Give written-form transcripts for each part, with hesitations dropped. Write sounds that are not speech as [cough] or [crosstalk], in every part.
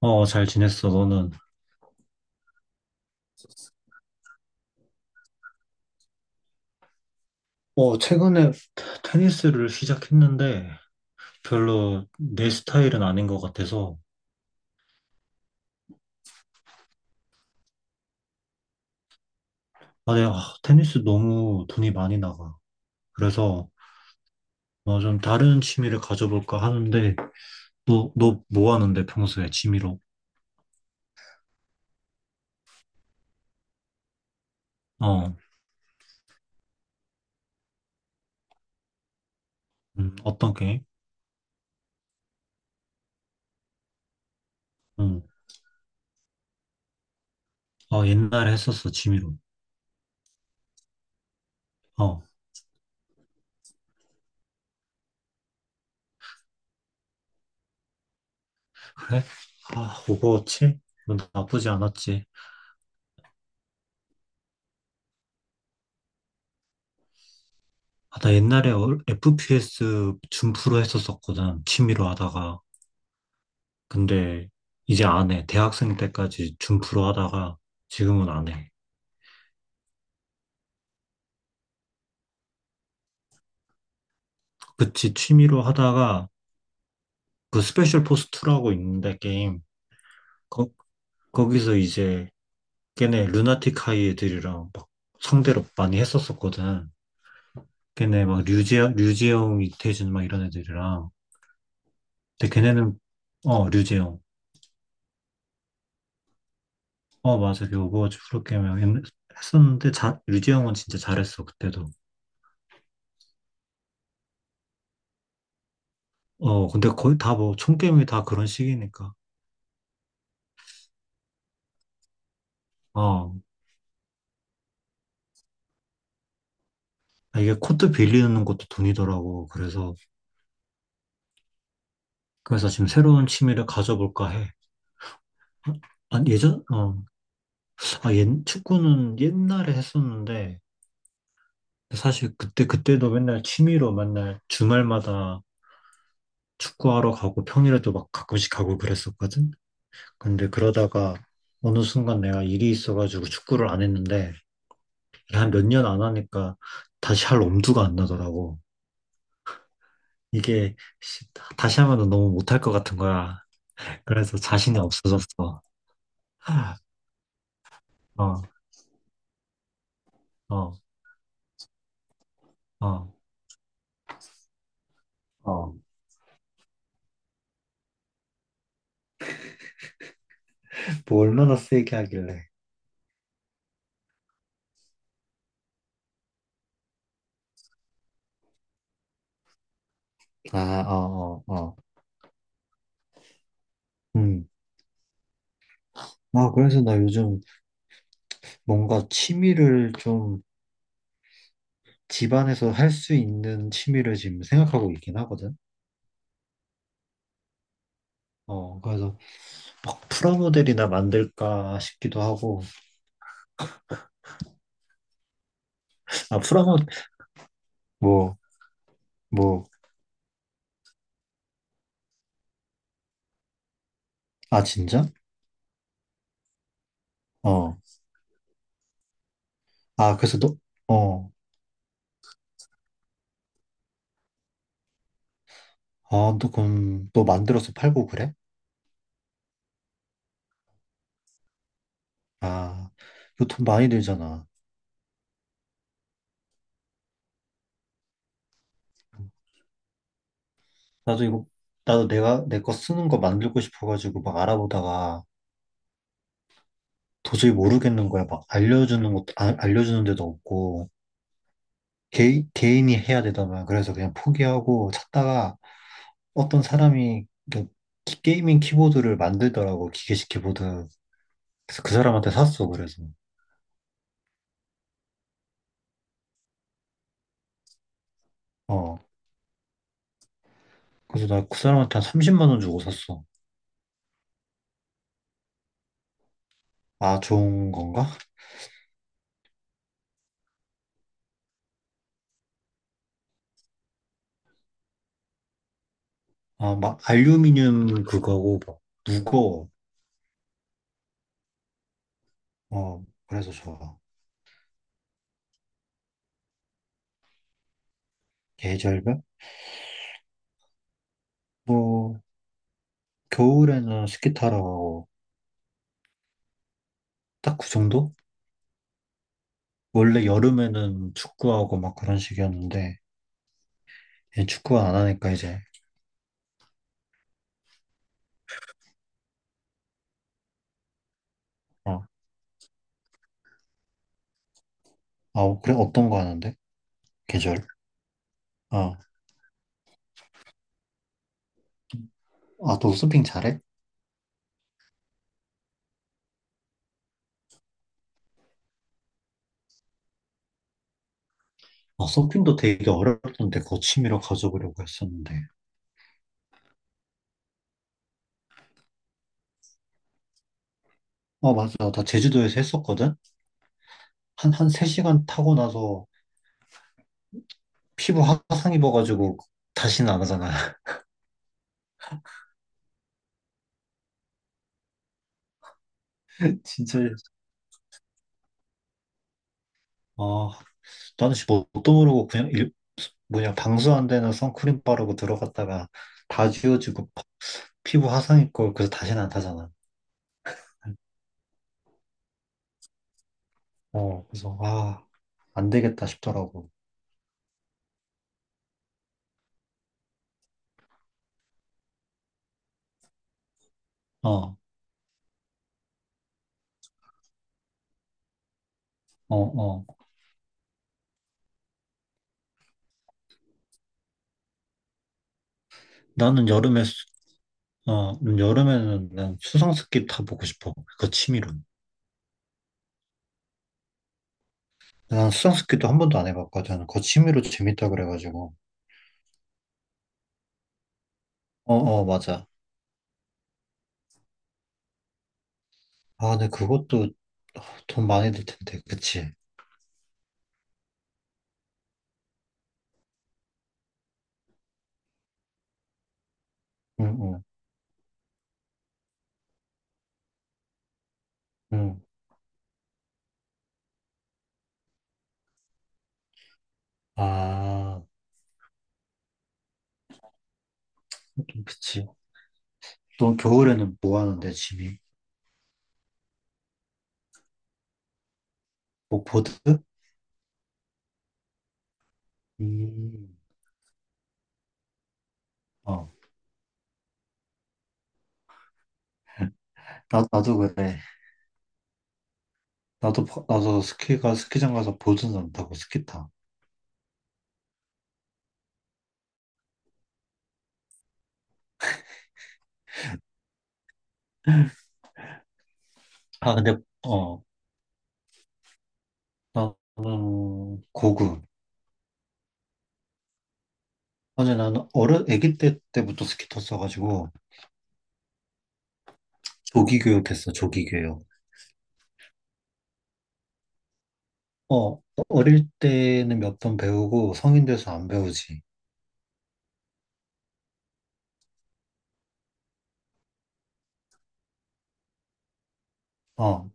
어, 잘 지냈어, 너는? 어, 최근에 테니스를 시작했는데 별로 내 스타일은 아닌 것 같아서. 아, 내가 테니스 너무 돈이 많이 나가. 그래서 좀 다른 취미를 가져볼까 하는데. 너 뭐 하는데 평소에 취미로? 어, 어떤 게임? 음, 어, 옛날에 했었어, 취미로. 어, 그래? 아, 오버워치? 뭐 나쁘지 않았지. 아, 나 옛날에 FPS 준프로 했었었거든, 취미로 하다가. 근데 이제 안 해. 대학생 때까지 준프로 하다가 지금은 안 해. 그치, 취미로 하다가 그 스페셜 포스 2라고 있는데 게임. 거, 거기서 이제 걔네 루나틱 하이 애들이랑 막 상대로 많이 했었었거든. 걔네 막 류재영, 이태준 막 이런 애들이랑. 근데 걔네는, 어, 류재영. 어, 맞아. 그 오버워치 프로게이머 했었는데 자, 류재영은 진짜 잘했어, 그때도. 어, 근데 거의 다 뭐, 총게임이 다 그런 식이니까. 어. 아, 이게 코트 빌리는 것도 돈이더라고. 그래서 지금 새로운 취미를 가져볼까 해. 아, 예전, 어, 아, 옛, 축구는 옛날에 했었는데, 사실 그때도 맨날 취미로 맨날 주말마다 축구하러 가고 평일에도 막 가끔씩 가고 그랬었거든? 근데 그러다가 어느 순간 내가 일이 있어가지고 축구를 안 했는데, 한 몇 년 안 하니까 다시 할 엄두가 안 나더라고. 이게 시- 다시 하면 너무 못할 것 같은 거야. 그래서 자신이 없어졌어. 어, 어, 어. 어, 뭐 얼마나 세게 하길래. 아, 어, 어, 어. 음. 아, 그래서 나 요즘 뭔가 취미를 좀 집안에서 할 수 있는 취미를 지금 생각하고 있긴 하거든. 어, 그래서 막 프라모델이나 만들까 싶기도 하고. 아, 프라모, 뭐, 뭐, 아, 진짜? 어. 아, 그래서 너, 어. 아, 너 그럼 너 만들어서 팔고 그래? 아, 이거 돈 많이 들잖아. 나도 이거, 나도 내가, 내 거 쓰는 거 만들고 싶어가지고 막 알아보다가 도저히 모르겠는 거야. 막 알려주는 것도, 알려주는 데도 없고, 개인이 해야 되더만. 그래서 그냥 포기하고 찾다가 어떤 사람이 그 게이밍 키보드를 만들더라고, 기계식 키보드. 그래서 그 사람한테 샀어, 그래서. 어. 그래서 나 그 사람한테 한 30만 원 주고 샀어. 아, 좋은 건가? 아, 막 알루미늄 그거고, 막 무거워. 어, 그래서 좋아. 계절별? 뭐, 겨울에는 스키 타러 가고 딱 그 정도? 원래 여름에는 축구하고 막 그런 식이었는데 얘 축구 안 하니까 이제 어. 아, 그래, 어떤 거 하는데? 계절? 어. 아너 서핑 잘해? 아, 서핑도 되게 어렵던데, 그거 취미로 가져보려고 했었는데. 어, 맞아, 나 제주도에서 했었거든? 한 한 3시간 타고 나서 피부 화상 입어가지고 다시는 안 하잖아. [laughs] 진짜. 어, 나는 씨 뭣도 모르고 그냥 뭐냐 방수 안 되는 선크림 바르고 들어갔다가 다 지워지고 피부 화상 입고 그래서 다시는 안 타잖아. 어, 그래서 아, 안 되겠다 싶더라고. 어, 어, 어. 나는 여름에 어, 여름에는 난 수상스키 타보고 싶어, 그 취미로. 난 수상스키도 한 번도 안 해봤거든, 그 취미로 재밌다 그래가지고. 어, 어, 맞아. 아, 근데 그것도 돈 많이 들 텐데 그치? 응응 응. 응, 응. 아, 그치. 너 겨울에는 뭐 하는데 집이? 뭐 보드? 음. 어. 나도 그래. 나도 나도 스키가 스키장 가서 보드는 안 타고 스키 타. 아, 근데 어, 나는 고구. 아니, 나는 어른 아기 때 때부터 스키 탔어가지고 조기 교육했어, 조기 교육. 어, 어릴 때는 몇 번 배우고 성인 돼서 안 배우지. 어.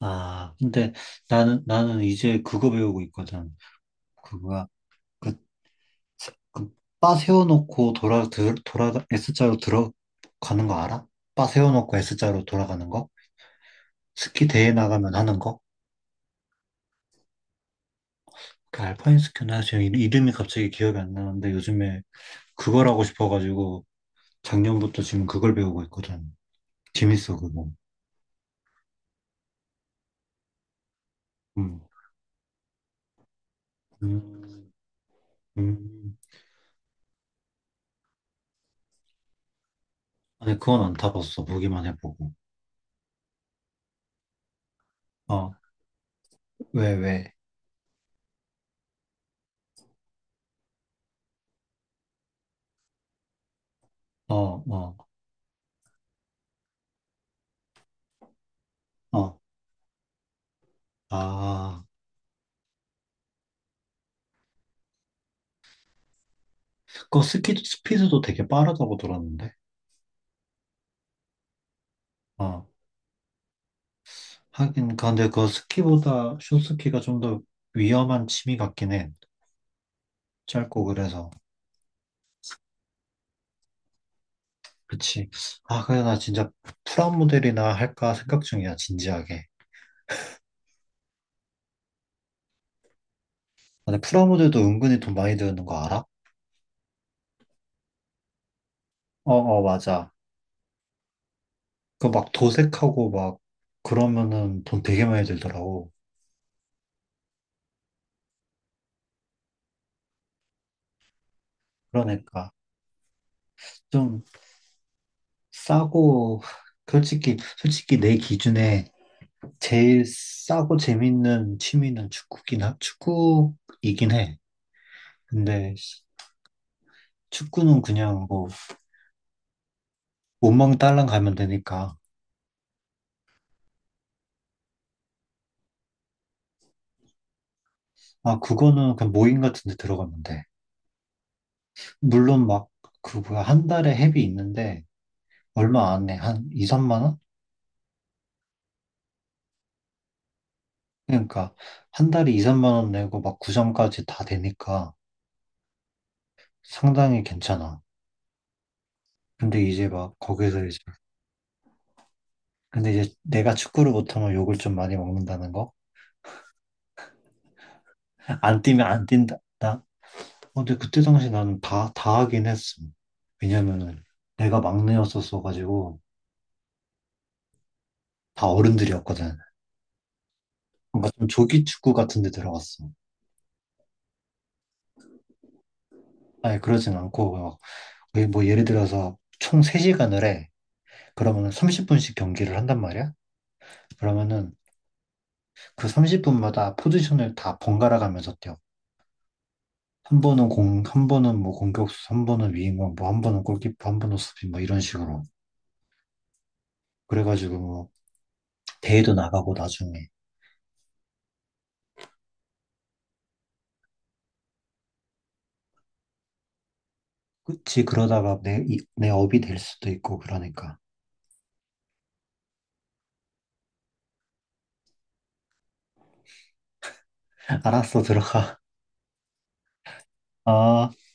아, 근데 나는 이제 그거 배우고 있거든. 그거야. 그 그, 바 세워놓고 S자로 들어가는 거 알아? 바 세워놓고 S자로 돌아가는 거? 스키 대회 나가면 하는 거? 그 알파인 스키나 지금 이름이 갑자기 기억이 안 나는데 요즘에 그걸 하고 싶어가지고 작년부터 지금 그걸 배우고 있거든. 재밌어, 그거. 음, 음, 음. 아니, 그건 안 타봤어, 보기만 해보고. 어, 왜? 어, 어, 어. 아, 그거 스키, 스피드도 되게 빠르다고 들었는데. 어. 하긴, 근데 그 스키보다 숏스키가 좀 더 위험한 취미 같긴 해. 짧고 그래서. 그치. 아, 그래, 나 진짜 프라모델이나 할까 생각 중이야, 진지하게. 근데 프라모델도 은근히 돈 많이 드는 거 알아? 어, 어, 맞아. 그 막 도색하고 막 그러면은 돈 되게 많이 들더라고. 그러니까 좀 싸고, 솔직히 내 기준에 제일 싸고 재밌는 취미는 축구이긴 해. 근데 축구는 그냥 뭐 원망 딸랑 가면 되니까. 아, 그거는 그냥 모임 같은 데 들어가면 돼. 물론 막 그 뭐야 한 달에 회비 있는데 얼마 안 해. 한 2, 3만 원? 그러니까 한 달에 2, 3만 원 내고 막 구장까지 다 되니까 상당히 괜찮아. 근데 이제 막 거기서 이제. 근데 이제 내가 축구를 못하면 욕을 좀 많이 먹는다는 거? 안 뛰면 안 뛴다. 나 어, 근데 그때 당시 나는 다 하긴 했음. 왜냐면은 내가 막내였었어가지고 다 어른들이었거든. 뭔가 좀 조기 축구 같은 데 들어갔어. 아니, 그러진 않고, 막 거의 뭐 예를 들어서 총 3시간을 해. 그러면은 30분씩 경기를 한단 말이야. 그러면은 그 30분마다 포지션을 다 번갈아 가면서 뛰어. 한 번은 공, 한 번은 뭐 공격수, 한 번은 위인공, 뭐 한 번은 골키퍼, 한 번은 수비, 뭐 이런 식으로. 그래가지고 뭐 대회도 나가고 나중에. 그치, 그러다가 내, 내 업이 될 수도 있고, 그러니까. 알았어, 들어가. 아.